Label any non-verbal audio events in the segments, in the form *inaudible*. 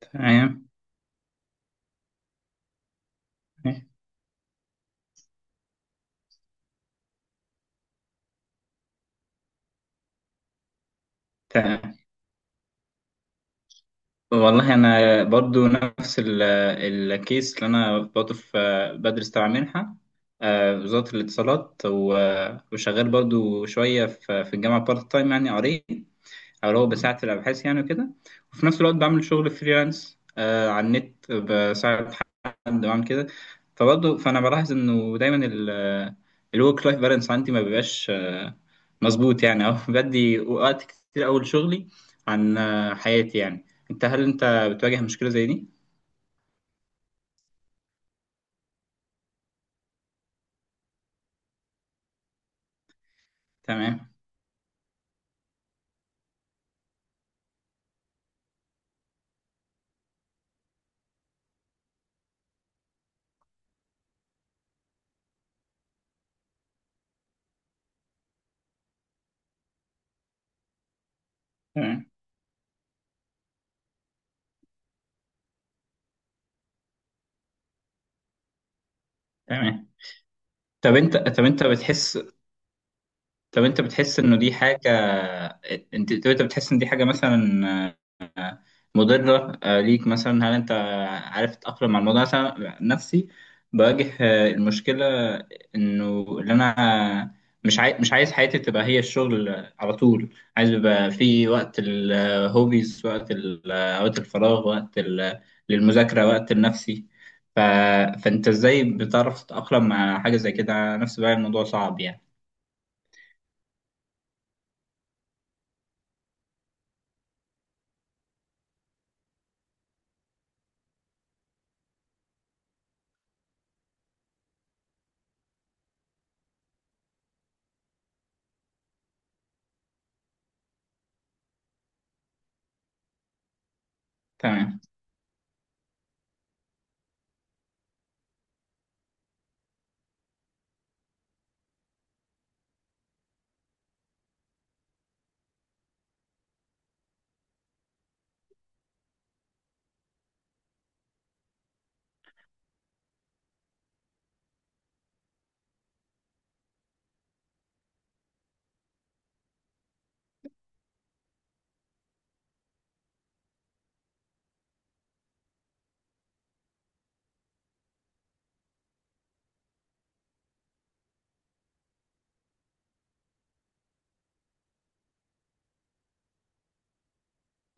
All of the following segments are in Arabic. تمام. تمام والله انا برضو نفس الكيس اللي انا برضو في، بدرس تبع منحه، وزاره الاتصالات، وشغال برضو شويه في الجامعه بارت تايم يعني قريب، او لو بساعد في الابحاث يعني وكده. وفي نفس الوقت بعمل شغل فريلانس على النت، بساعد حد، بعمل كده. فبرضو فانا بلاحظ انه دايما الورك لايف بالانس عندي ما بيبقاش مظبوط يعني. اه بدي وقت كتير أوي لشغلي عن حياتي يعني. هل انت بتواجه مشكلة زي دي؟ تمام. تمام تمام طب انت طب انت بتحس طب انت بتحس انه دي حاجة، انت بتحس ان دي حاجة مثلا مضرة ليك مثلا؟ هل انت عارف تتأقلم مع الموضوع؟ مثلا نفسي بواجه المشكلة، انه اللي انا مش عايز حياتي تبقى هي الشغل على طول، عايز يبقى في وقت الهوبيز، وقت وقت الفراغ، وقت للمذاكرة، وقت لنفسي. ف... فانت ازاي بتعرف تتأقلم مع حاجة زي كده؟ أنا نفسي بقى الموضوع صعب يعني. تمام.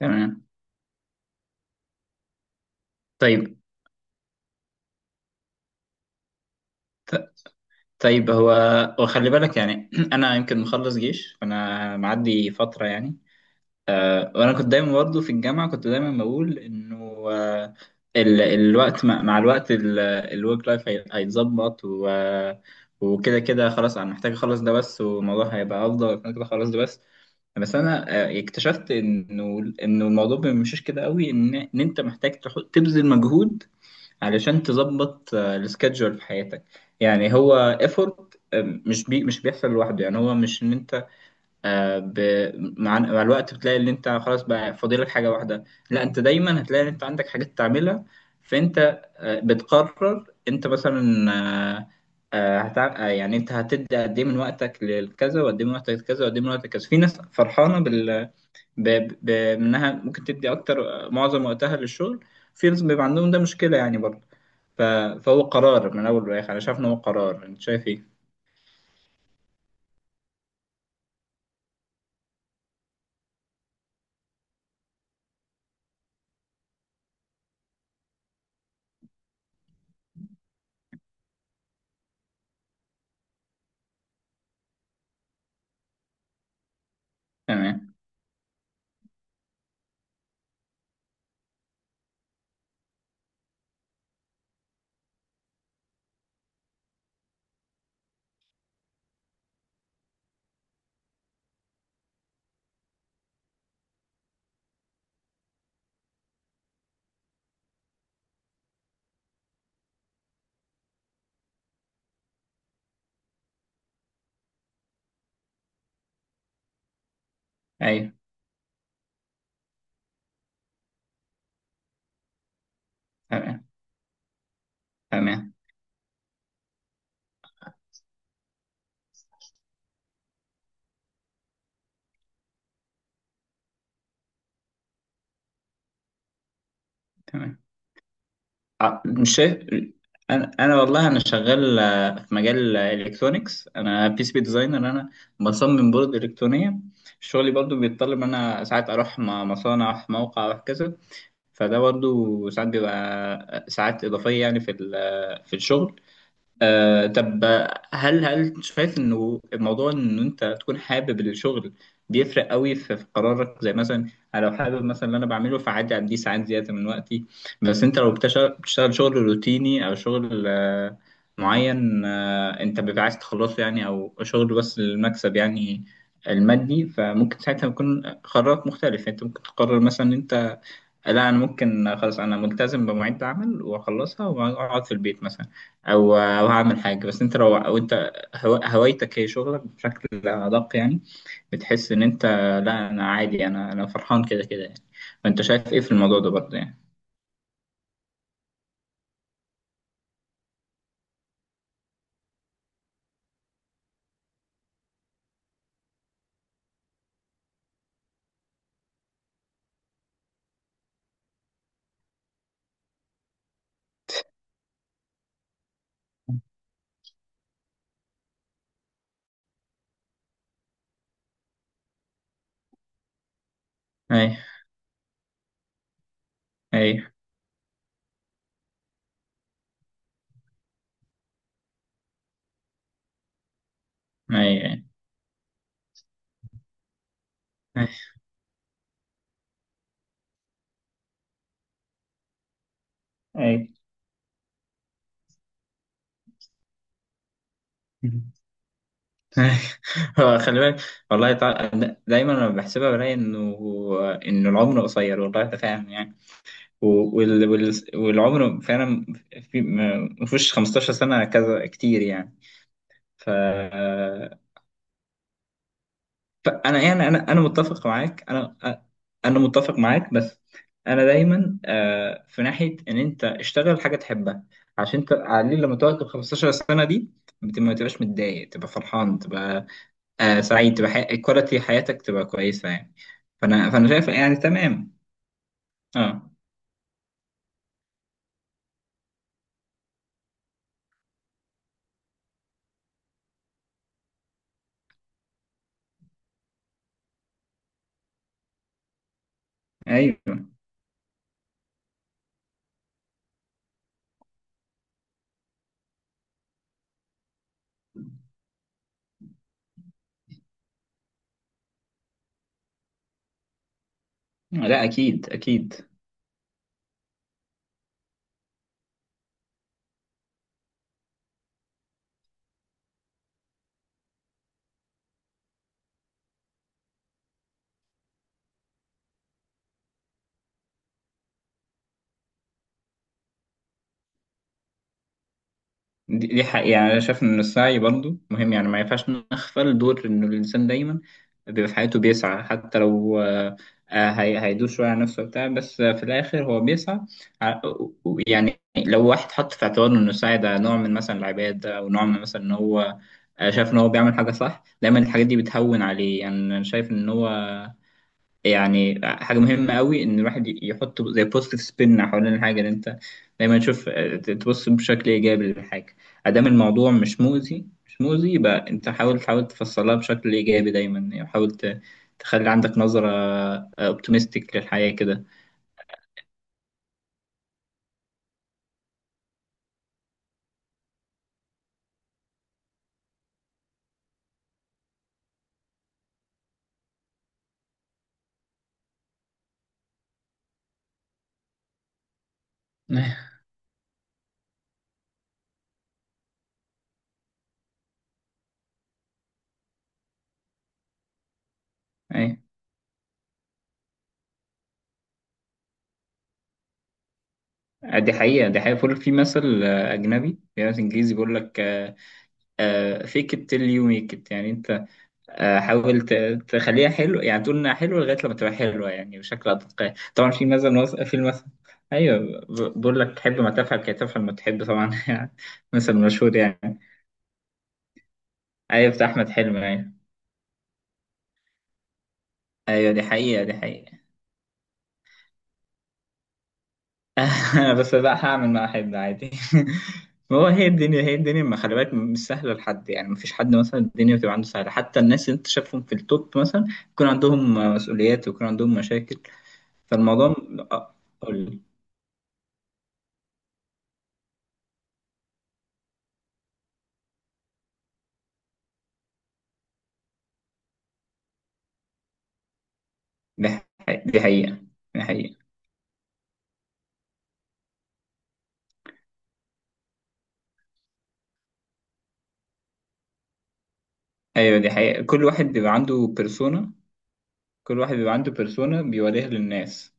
تمام طيب. طيب هو وخلي بالك يعني *clears throat* انا يمكن مخلص جيش فانا معدي فتره يعني. وانا كنت دايما برضه في الجامعه، كنت دايما بقول انه آه، الوقت مع الوقت الورك لايف هيتظبط، وكده كده خلاص انا محتاج اخلص ده بس والموضوع هيبقى افضل، كده كده اخلص ده بس. بس انا اكتشفت انه الموضوع مشيش كده قوي، ان انت محتاج تبذل مجهود علشان تظبط السكادجول في حياتك، يعني هو ايفورت، مش بيحصل لوحده. يعني هو مش ان انت آه، ب... مع الوقت بتلاقي ان انت خلاص بقى فاضلك حاجه واحده، لا، انت دايما هتلاقي ان انت عندك حاجات تعملها. فانت بتقرر انت مثلا، آه، آه، هتع... آه، يعني انت هتدي قد ايه من وقتك للكذا، وقد ايه من وقتك لكذا، وقد ايه من وقتك لكذا. في ناس فرحانه بانها ممكن تدي اكتر، معظم وقتها للشغل، في ناس بيبقى عندهم ده مشكله يعني برضه. ف... فهو قرار من أول وآخر، أنا شايف إن هو قرار، أنت شايف إيه؟ تمام. أيوه. تمام تمام تمام مش شايف. أنا والله أنا شغال في مجال الإلكترونيكس، أنا بي سي بي ديزاينر، أنا بصمم بورد إلكترونية. شغلي برضو بيتطلب إن أنا ساعات أروح مصانع، أروح موقع، أروح كذا. فده برضو ساعات بيبقى ساعات إضافية يعني في في الشغل. طب هل شايف انه الموضوع ان انت تكون حابب الشغل بيفرق قوي في قرارك؟ زي مثلا أنا لو حابب مثلا اللي انا بعمله، فعادي اديه ساعات زياده من وقتي. بس انت لو بتشتغل شغل روتيني، او شغل معين انت بيبقى عايز تخلصه يعني، او شغل بس للمكسب يعني المادي، فممكن ساعتها يكون قرارك مختلف. يعني انت ممكن تقرر مثلا انت لا، انا ممكن خلاص انا ملتزم بمواعيد عمل واخلصها واقعد في البيت مثلا، او هعمل حاجه. بس انت لو او انت هوايتك هي شغلك بشكل ادق، يعني بتحس ان انت لا انا عادي، انا فرحان كده كده يعني. فانت شايف ايه في الموضوع ده برضه يعني؟ اي. اي. اي. اي. اي. أي. *laughs* هو خلي بالك، والله تع- دايما لما بحسبها بلاقي انه العمر قصير، والله ده فعلا. والعمر فعلا في ما فيهوش 15 سنة كذا كتير يعني. ف... فأنا يعني، أنا متفق معاك، أنا متفق معاك، بس أنا دايما في ناحية إن أنت اشتغل حاجة تحبها، عشان أنت على الأقل لما تقعد ال 15 سنة دي ما تبقاش متضايق، تبقى فرحان، تبقى سعيد، تبقى كواليتي حياتك تبقى كويسة يعني. فأنا شايف يعني. تمام. أه. أيوه. لا، أكيد أكيد. دي حقيقة. يعني أنا شايف إن السعي برضه مهم، يعني ما ينفعش نغفل دور إن الإنسان دايما بيبقى في حياته بيسعى، حتى لو هيدوس شوية على نفسه وبتاع، بس في الآخر هو بيسعى. ع- يعني لو واحد حط في اعتباره إن السعي ده نوع من مثلا العبادة، أو نوع من مثلا إن هو شايف إن هو بيعمل حاجة صح، دايما الحاجات دي بتهون عليه. يعني أنا شايف إن هو يعني حاجة مهمة قوي إن الواحد يحط زي بوزيتيف سبين حوالين الحاجة، اللي أنت دايما تشوف تبص بشكل إيجابي للحاجة. أدام الموضوع مش مؤذي، مش مؤذي، يبقى أنت حاول، تحاول تفصلها بشكل إيجابي دايما يعني، تخلي عندك نظرة أوبتيمستيك للحياة كده. *laughs* أي. دي حقيقة. بيقول في مثل أجنبي، في مثل إنجليزي بيقول لك فيك it till you make it، يعني أنت آه، حاول ت- تخليها حلو، يعني تقول انها حلوه لغايه لما تبقى حلوه، يعني وشكلها تلقائي. طبعا في مثل في المثل، ايوه، بقول لك حب ما تفعل كي تفعل ما تحب، طبعا *laughs* يعني. مثل مشهور يعني. ايوه، بتاع احمد حلمي. ايوه. ايوه. دي حقيقه. *laughs* بس بقى هعمل ما احب عادي. *laughs* ما هو هي الدنيا، ما خلي بالك مش سهله لحد يعني، ما فيش حد مثلا الدنيا بتبقى عنده سهله، حتى الناس اللي انت شايفهم في التوب مثلا يكون عندهم مسؤوليات ويكون عندهم مشاكل. فالموضوع قول لي. دي حقيقة. دي حقيقة أيوة، دي حقيقة. كل واحد بيبقى عنده بيرسونا، بيوريها للناس.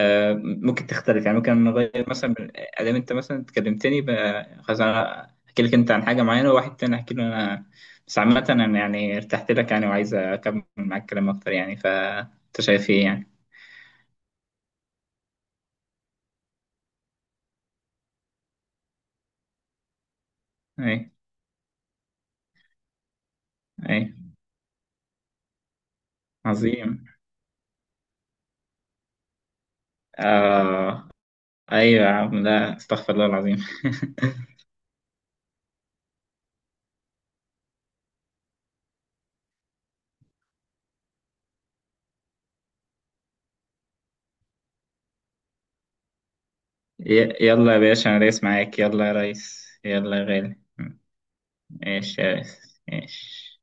آه، ممكن تختلف، يعني ممكن نغير مثلا أدام أنت مثلا خلاص أنا أحكي لك أنت عن حاجة معينة، وواحد تاني أحكي له أنا. بس عامة أنا يعني ارتحت لك يعني، وعايز أكمل معاك كلام أكتر يعني. فأنت شايف إيه يعني؟ أي. أي. عظيم. آه. أيوة يا عم، لا استغفر الله العظيم. *laughs* يلا يا باشا، انا ريس معاك، يلا يا ريس، يلا يا غالي. ماشي يا ريس ماشي.